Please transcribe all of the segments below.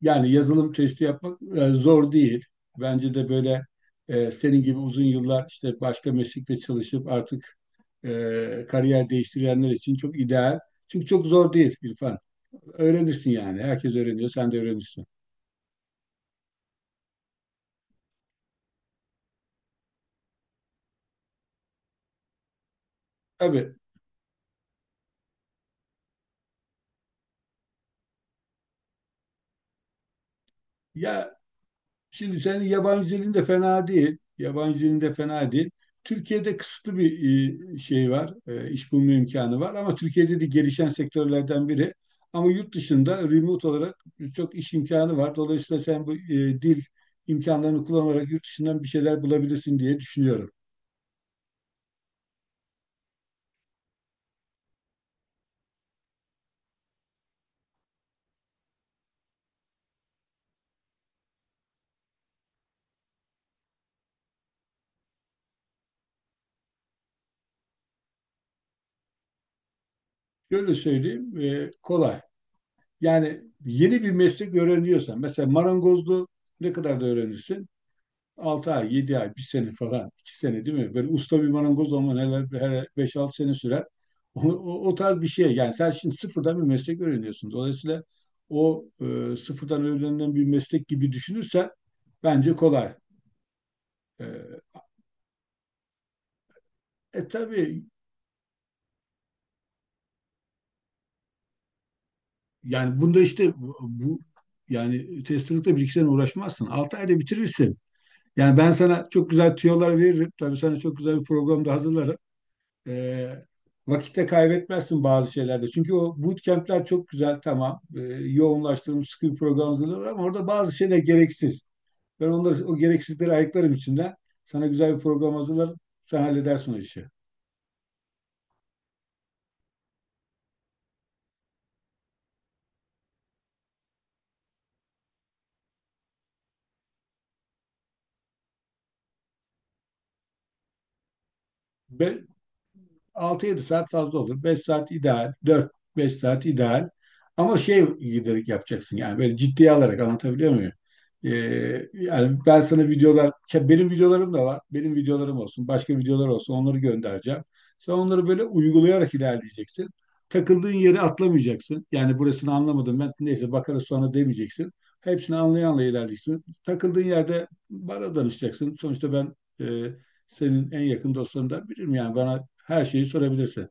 Yani yazılım testi yapmak zor değil. Bence de böyle senin gibi uzun yıllar işte başka meslekte çalışıp artık kariyer değiştirenler için çok ideal. Çünkü çok zor değil, İrfan. Öğrenirsin yani. Herkes öğreniyor. Sen de öğrenirsin. Tabii. Ya, şimdi senin yabancı dilin de fena değil. Yabancı dilin de fena değil. Türkiye'de kısıtlı bir şey var. İş bulma imkanı var. Ama Türkiye'de de gelişen sektörlerden biri. Ama yurt dışında remote olarak çok iş imkanı var. Dolayısıyla sen bu dil imkanlarını kullanarak yurt dışından bir şeyler bulabilirsin diye düşünüyorum. Şöyle söyleyeyim, kolay. Yani yeni bir meslek öğreniyorsan, mesela marangozluğu ne kadar da öğrenirsin? 6 ay, 7 ay, bir sene falan, 2 sene, değil mi? Böyle usta bir marangoz ama neler her beş altı sene sürer. O tarz bir şey. Yani sen şimdi sıfırdan bir meslek öğreniyorsun. Dolayısıyla o sıfırdan öğrenilen bir meslek gibi düşünürsen bence kolay. E, tabii yani bunda işte yani testelikle bir iki sene uğraşmazsın. 6 ayda bitirirsin. Yani ben sana çok güzel tüyolar veririm. Tabii sana çok güzel bir program da hazırlarım. E, Vakitte kaybetmezsin bazı şeylerde. Çünkü o bootcamp'ler çok güzel, tamam. Yoğunlaştırılmış sıkı bir program hazırlıyorlar ama orada bazı şeyler gereksiz. Ben onları o gereksizleri ayıklarım içinden. Sana güzel bir program hazırlarım. Sen halledersin o işi. Be- Altı yedi saat fazla olur. 5 saat ideal. Dört beş saat ideal. Ama şey giderek yapacaksın yani, böyle ciddiye alarak, anlatabiliyor muyum? Ee, Yani ben sana videolar, benim videolarım da var. Benim videolarım olsun, başka videolar olsun, onları göndereceğim. Sen onları böyle uygulayarak ilerleyeceksin. Takıldığın yeri atlamayacaksın. Yani burasını anlamadım ben, neyse bakarız sonra, demeyeceksin. Hepsini anlayanla ilerleyeceksin. Takıldığın yerde bana danışacaksın. Sonuçta ben e, senin en yakın dostlarından biriyim. Yani bana her şeyi sorabilirsin.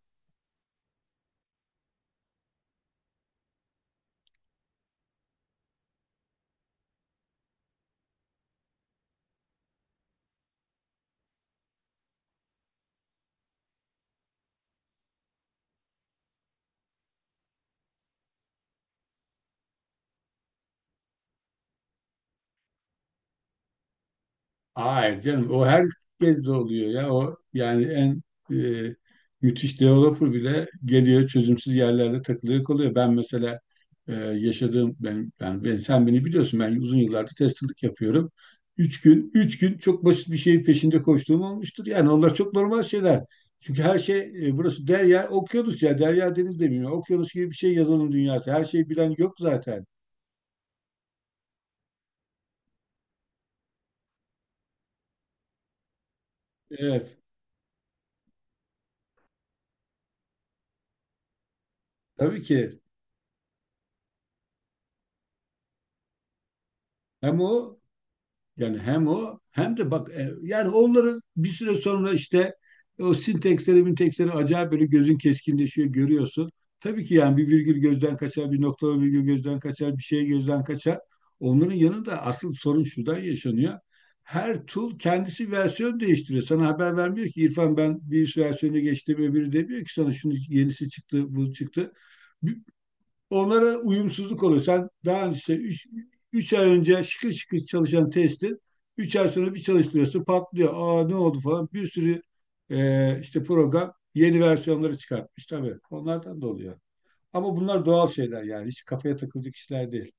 Hayır canım, o herkes de oluyor ya. O yani en e, müthiş developer bile geliyor, çözümsüz yerlerde takılıyor kalıyor. Ben mesela yaşadığım ben sen beni biliyorsun, ben uzun yıllardır testerlık yapıyorum. Üç gün, üç gün çok basit bir şeyin peşinde koştuğum olmuştur. Yani onlar çok normal şeyler. Çünkü her şey, burası derya, okyanus ya. Derya deniz demiyor. Okyanus gibi bir şey yazılım dünyası. Her şeyi bilen yok zaten. Evet. Tabii ki, hem o yani hem o hem de bak, yani onların bir süre sonra işte o sinteksleri minteksleri acayip böyle gözün keskinleşiyor, görüyorsun. Tabii ki yani bir virgül gözden kaçar, bir nokta virgül gözden kaçar, bir şey gözden kaçar. Onların yanında asıl sorun şuradan yaşanıyor. Her tool kendisi versiyon değiştiriyor. Sana haber vermiyor ki, İrfan, ben bir versiyonu geçtim öbürü demiyor ki sana, şunu yenisi çıktı, bu çıktı. Onlara uyumsuzluk oluyor. Sen daha önce işte üç ay önce şıkır şıkır çalışan testi 3 ay sonra bir çalıştırıyorsun, patlıyor. Aa ne oldu falan, bir sürü işte program yeni versiyonları çıkartmış tabii. Onlardan da oluyor. Ama bunlar doğal şeyler yani, hiç kafaya takılacak işler değil.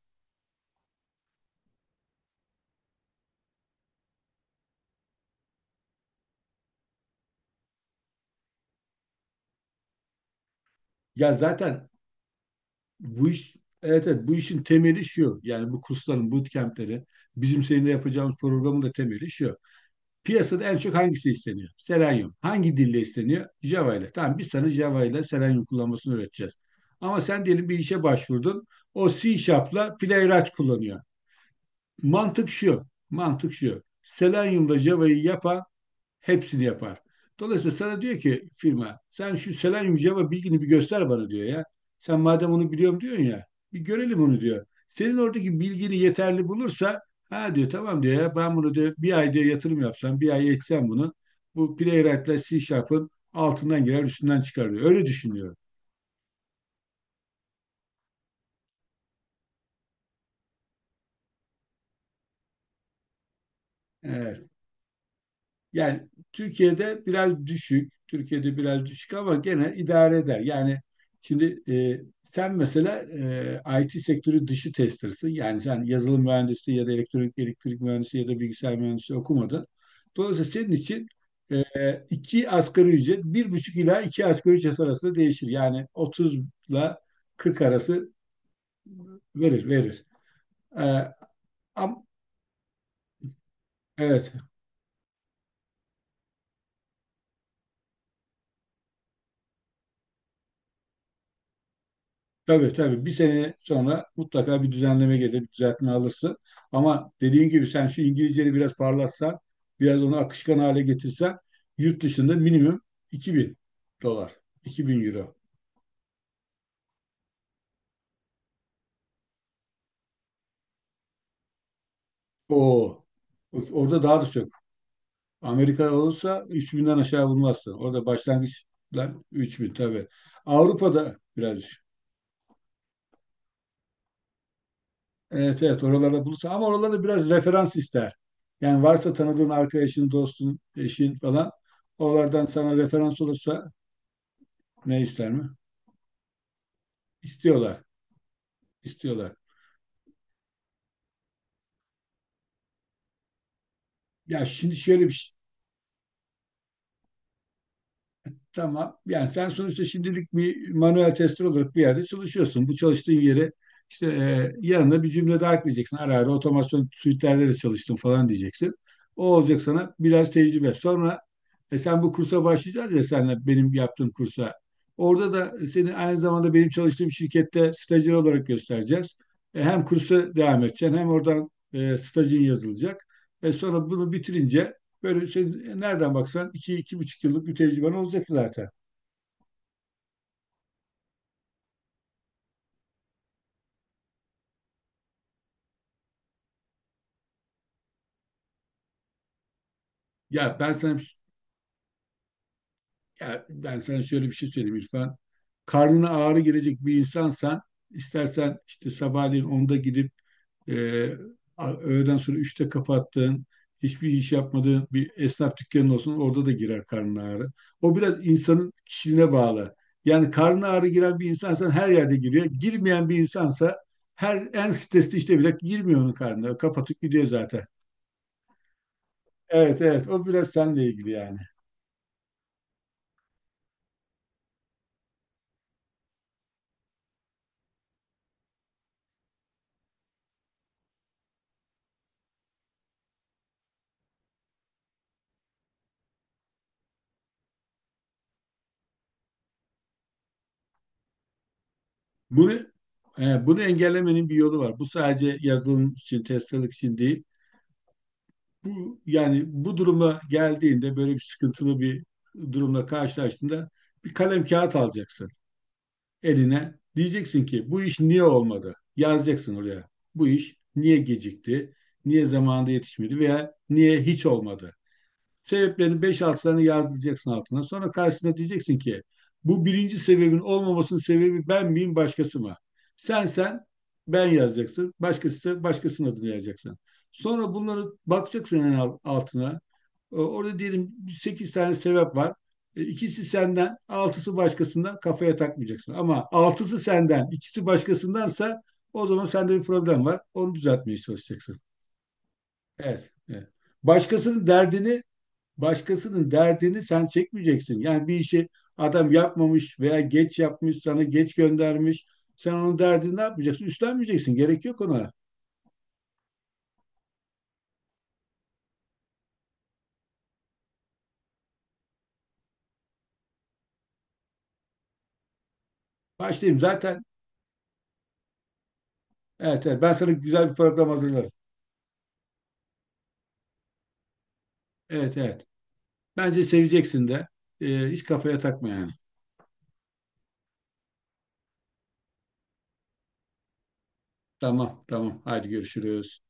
Ya zaten bu iş, evet evet, bu işin temeli şu. Yani bu kursların bootcamp'leri, bizim seninle yapacağımız programın da temeli şu. Piyasada en çok hangisi isteniyor? Selenium. Hangi dille isteniyor? Java ile. Tamam, biz sana Java ile Selenium kullanmasını öğreteceğiz. Ama sen diyelim bir işe başvurdun. O C Sharp'la Playwright kullanıyor. Mantık şu. Mantık şu. Selenium'da Java'yı yapan hepsini yapar. Dolayısıyla sana diyor ki firma, sen şu selenyum Java bilgini bir göster bana diyor ya. Sen madem onu biliyorum diyorsun ya, bir görelim onu diyor. Senin oradaki bilgini yeterli bulursa ha diyor, tamam diyor ya, ben bunu diyor bir ay diyor yatırım yapsam, bir ay eğitsem bunu, bu Playwright'la C Sharp'ın altından girer üstünden çıkar diyor. Öyle düşünüyorum. Evet. Yani Türkiye'de biraz düşük. Türkiye'de biraz düşük ama gene idare eder. Yani şimdi sen mesela IT sektörü dışı tester'sın. Yani sen yazılım mühendisi ya da elektronik elektrik mühendisi ya da bilgisayar mühendisi okumadın. Dolayısıyla senin için e, iki asgari ücret, bir buçuk ila iki asgari ücret arasında değişir. Yani 30 ile 40 arası, verir verir. E, am, evet. Tabii tabii, bir sene sonra mutlaka bir düzenleme gelir, bir düzeltme alırsın. Ama dediğim gibi sen şu İngilizceni biraz parlatsan, biraz onu akışkan hale getirsen yurt dışında minimum 2000 dolar, 2000 euro. Oo, orada daha da çok. Amerika olursa 3000'den aşağı bulmazsın. Orada başlangıçlar 3000, tabii. Avrupa'da biraz, evet evet, oralarda bulursa ama oralarda biraz referans ister. Yani varsa tanıdığın arkadaşın, dostun, eşin falan oralardan sana referans olursa, ne ister mi? İstiyorlar, istiyorlar. Ya şimdi şöyle bir şey, tamam. Yani sen sonuçta şimdilik bir manuel tester olarak bir yerde çalışıyorsun. Bu çalıştığın yere işte, yanına bir cümle daha ekleyeceksin. Ara ara otomasyon suite'lerde de çalıştım falan diyeceksin. O olacak sana biraz tecrübe. Sonra sen bu kursa başlayacağız ya, senle benim yaptığım kursa. Orada da seni aynı zamanda benim çalıştığım şirkette stajyer olarak göstereceğiz. Hem kursa devam edeceksin hem oradan stajın yazılacak. Sonra bunu bitirince böyle şey, nereden baksan iki, iki buçuk yıllık bir tecrüben olacak zaten. Ya ben sana ya ben sana şöyle bir şey söyleyeyim, İrfan. Karnına ağrı gelecek bir insansan, istersen işte sabahleyin onda gidip e, öğleden sonra üçte kapattığın, hiçbir iş yapmadığın bir esnaf dükkanın olsun, orada da girer karnın ağrı. O biraz insanın kişiliğine bağlı. Yani karnına ağrı giren bir insansan her yerde giriyor. Girmeyen bir insansa her en stresli işte bile girmiyor onun karnına. Kapatıp gidiyor zaten. Evet evet, o biraz seninle ilgili yani. Bunu bunu engellemenin bir yolu var. Bu sadece yazılım için, testçilik için değil. Bu yani bu duruma geldiğinde, böyle bir sıkıntılı bir durumla karşılaştığında bir kalem kağıt alacaksın eline. Diyeceksin ki, bu iş niye olmadı? Yazacaksın oraya. Bu iş niye gecikti? Niye zamanında yetişmedi veya niye hiç olmadı? Sebeplerini beş 6 tane yazdıracaksın altına. Sonra karşısına diyeceksin ki, bu birinci sebebin olmamasının sebebi ben miyim, başkası mı? Sen ben yazacaksın. Başkası, başkasının adını yazacaksın. Sonra bunları bakacaksın en altına. Orada diyelim 8 tane sebep var. İkisi senden, altısı başkasından, kafaya takmayacaksın. Ama altısı senden, ikisi başkasındansa o zaman sende bir problem var. Onu düzeltmeye çalışacaksın. Evet. Evet. Başkasının derdini başkasının derdini sen çekmeyeceksin. Yani bir işi adam yapmamış veya geç yapmış, sana geç göndermiş. Sen onun derdini ne yapacaksın? Üstlenmeyeceksin. Gerek yok ona. Başlayayım zaten. Evet, evet. Ben sana güzel bir program hazırlarım. Evet, evet. Bence seveceksin de. Hiç kafaya takma yani. Tamam, tamam. Haydi görüşürüz.